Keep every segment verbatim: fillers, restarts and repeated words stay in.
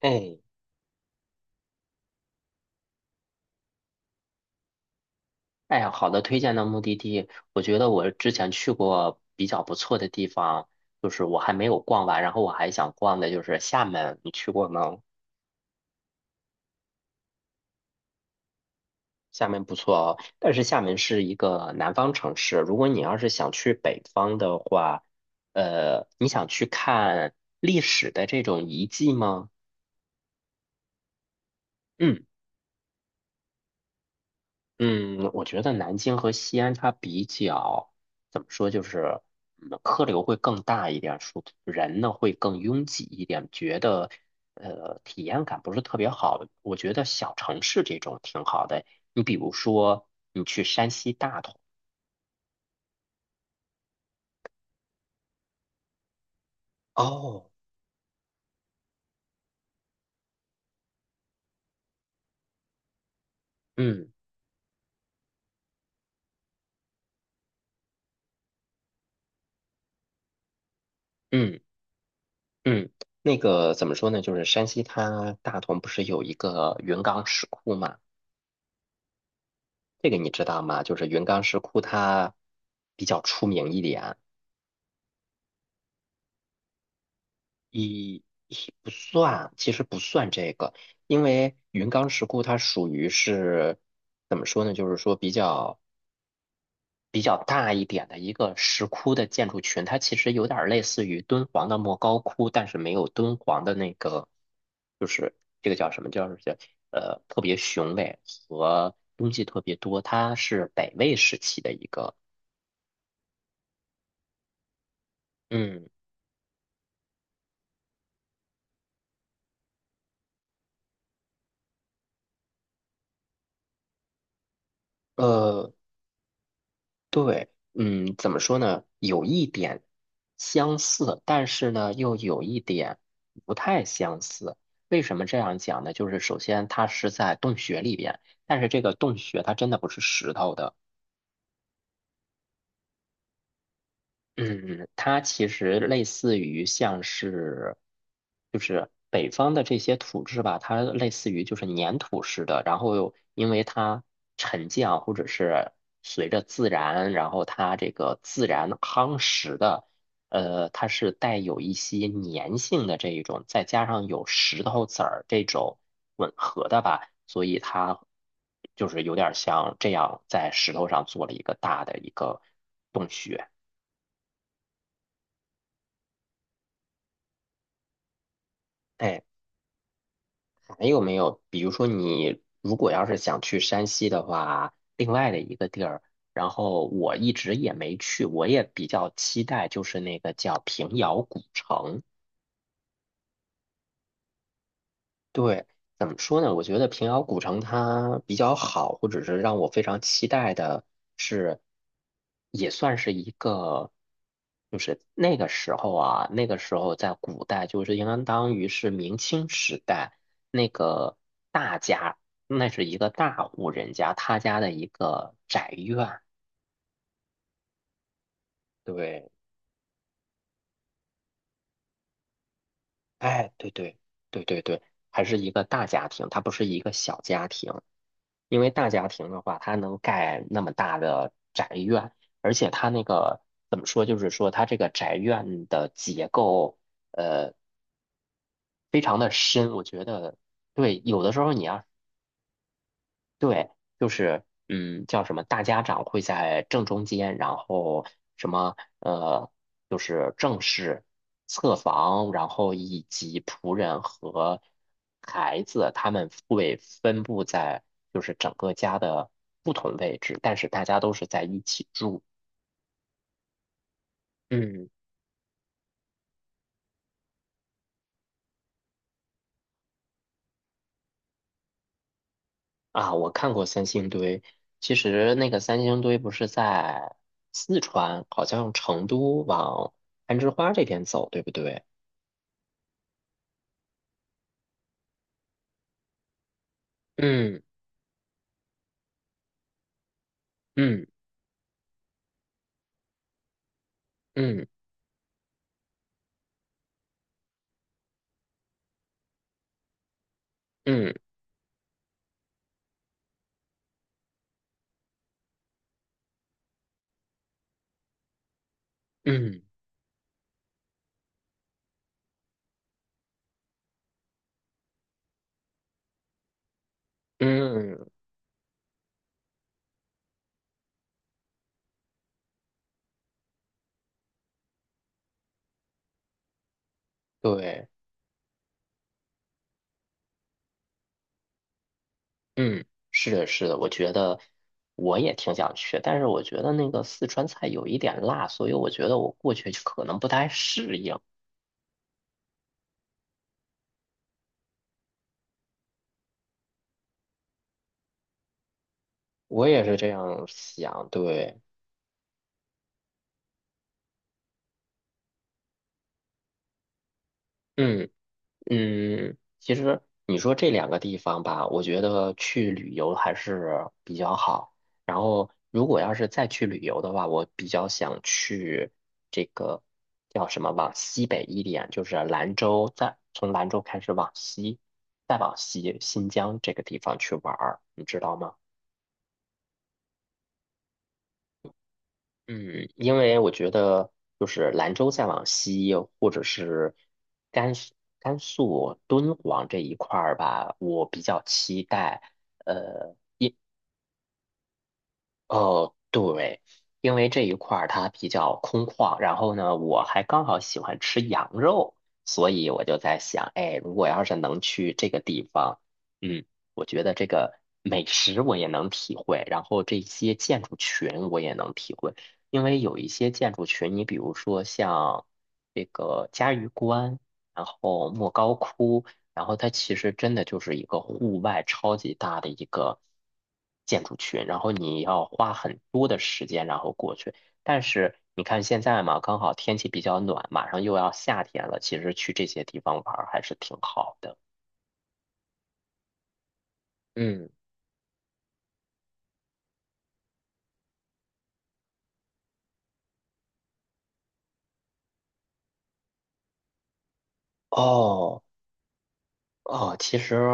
哎，哎呀，好的，推荐的目的地。我觉得我之前去过比较不错的地方，就是我还没有逛完，然后我还想逛的就是厦门，你去过吗？厦门不错哦。但是厦门是一个南方城市，如果你要是想去北方的话，呃，你想去看历史的这种遗迹吗？嗯。嗯，我觉得南京和西安它比较怎么说，就是嗯，客流会更大一点，说人呢会更拥挤一点，觉得呃体验感不是特别好。我觉得小城市这种挺好的，你比如说你去山西大同。哦，嗯嗯嗯，那个怎么说呢，就是山西它大同不是有一个云冈石窟嘛，这个你知道吗？就是云冈石窟它比较出名一点。一一不算，其实不算这个，因为云冈石窟它属于是怎么说呢？就是说比较比较大一点的一个石窟的建筑群，它其实有点儿类似于敦煌的莫高窟，但是没有敦煌的那个，就是这个叫什么叫叫呃特别雄伟和东西特别多，它是北魏时期的一个。嗯。呃。对，嗯，怎么说呢？有一点相似，但是呢，又有一点不太相似。为什么这样讲呢？就是首先它是在洞穴里边，但是这个洞穴它真的不是石头的。嗯，它其实类似于像是，就是北方的这些土质吧，它类似于就是粘土似的，然后因为它沉降或者是随着自然，然后它这个自然夯实的，呃，它是带有一些粘性的这一种，再加上有石头子儿这种吻合的吧，所以它就是有点像这样在石头上做了一个大的一个洞穴。哎，没有没有？比如说，你如果要是想去山西的话，另外的一个地儿，然后我一直也没去，我也比较期待，就是那个叫平遥古城。对，怎么说呢？我觉得平遥古城它比较好，或者是让我非常期待的是，也算是一个，就是那个时候啊，那个时候在古代，就是应当于是明清时代那个大家，那是一个大户人家，他家的一个宅院。对，哎，对对对对对，还是一个大家庭，它不是一个小家庭。因为大家庭的话，它能盖那么大的宅院，而且它那个怎么说，就是说它这个宅院的结构，呃，非常的深。我觉得，对，有的时候你要对，就是嗯，叫什么？大家长会在正中间，然后什么呃，就是正室、侧房，然后以及仆人和孩子，他们会分布在就是整个家的不同位置，但是大家都是在一起住。嗯啊，我看过三星堆，其实那个三星堆不是在四川，好像成都往攀枝花这边走，对不对？嗯嗯。嗯嗯嗯嗯，对，嗯，是的，是的，我觉得我也挺想去，但是我觉得那个四川菜有一点辣，所以我觉得我过去可能不太适应。我也是这样想，对，嗯。嗯，其实你说这两个地方吧，我觉得去旅游还是比较好。然后，如果要是再去旅游的话，我比较想去这个叫什么，往西北一点，就是兰州，再从兰州开始往西，再往西新疆这个地方去玩儿，你知道吗？嗯，因为我觉得就是兰州再往西，或者是甘肃、甘肃敦煌这一块儿吧，我比较期待。呃。哦，对，因为这一块儿它比较空旷，然后呢，我还刚好喜欢吃羊肉，所以我就在想，哎，如果要是能去这个地方，嗯，我觉得这个美食我也能体会，然后这些建筑群我也能体会，因为有一些建筑群，你比如说像这个嘉峪关，然后莫高窟。然后它其实真的就是一个户外超级大的一个建筑群，然后你要花很多的时间然后过去。但是你看现在嘛，刚好天气比较暖，马上又要夏天了，其实去这些地方玩儿还是挺好的。嗯，哦。哦，其实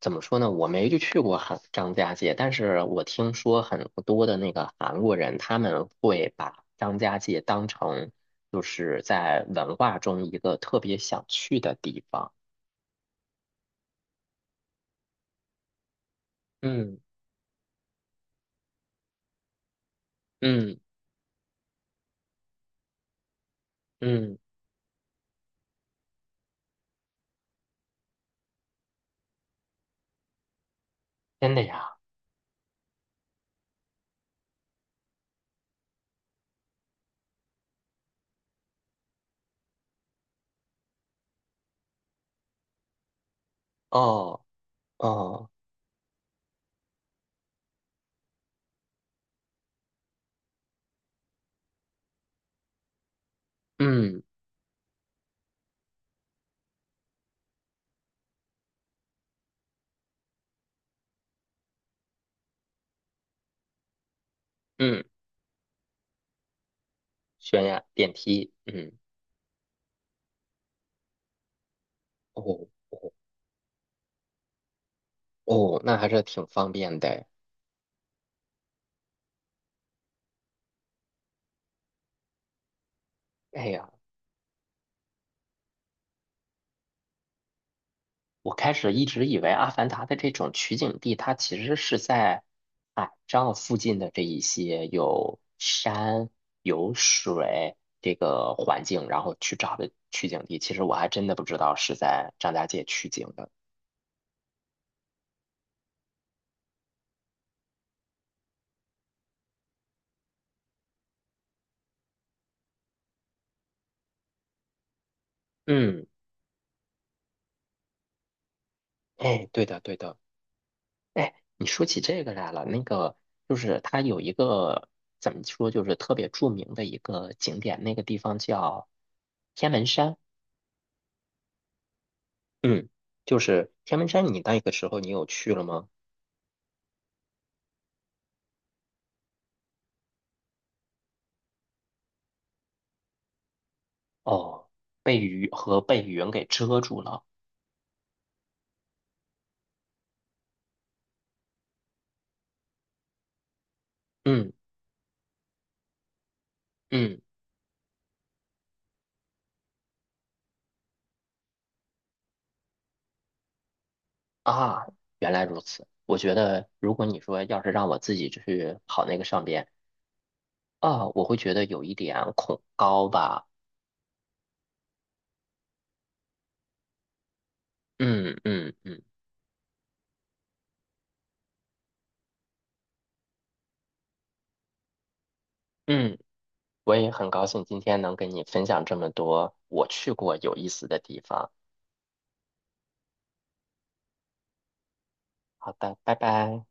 怎么说呢，我没就去过韩张家界，但是我听说很多的那个韩国人，他们会把张家界当成就是在文化中一个特别想去的地方。嗯嗯嗯，真的呀？哦哦，嗯嗯，悬崖电梯，嗯，哦哦，那还是挺方便的。哎呀。我开始一直以为《阿凡达》的这种取景地，它其实是在海上附近的这一些有山、有水这个环境，然后去找的取景地。其实我还真的不知道是在张家界取景的。嗯，哎，对的，对的。哎，你说起这个来了，那个就是它有一个怎么说，就是特别著名的一个景点，那个地方叫天门山。嗯，就是天门山，你那个时候你有去了吗？哦，被雨和被云给遮住了。嗯嗯啊，原来如此。我觉得，如果你说要是让我自己去跑那个上边啊，我会觉得有一点恐高吧。嗯嗯嗯嗯，我也很高兴今天能跟你分享这么多我去过有意思的地方。好的，拜拜。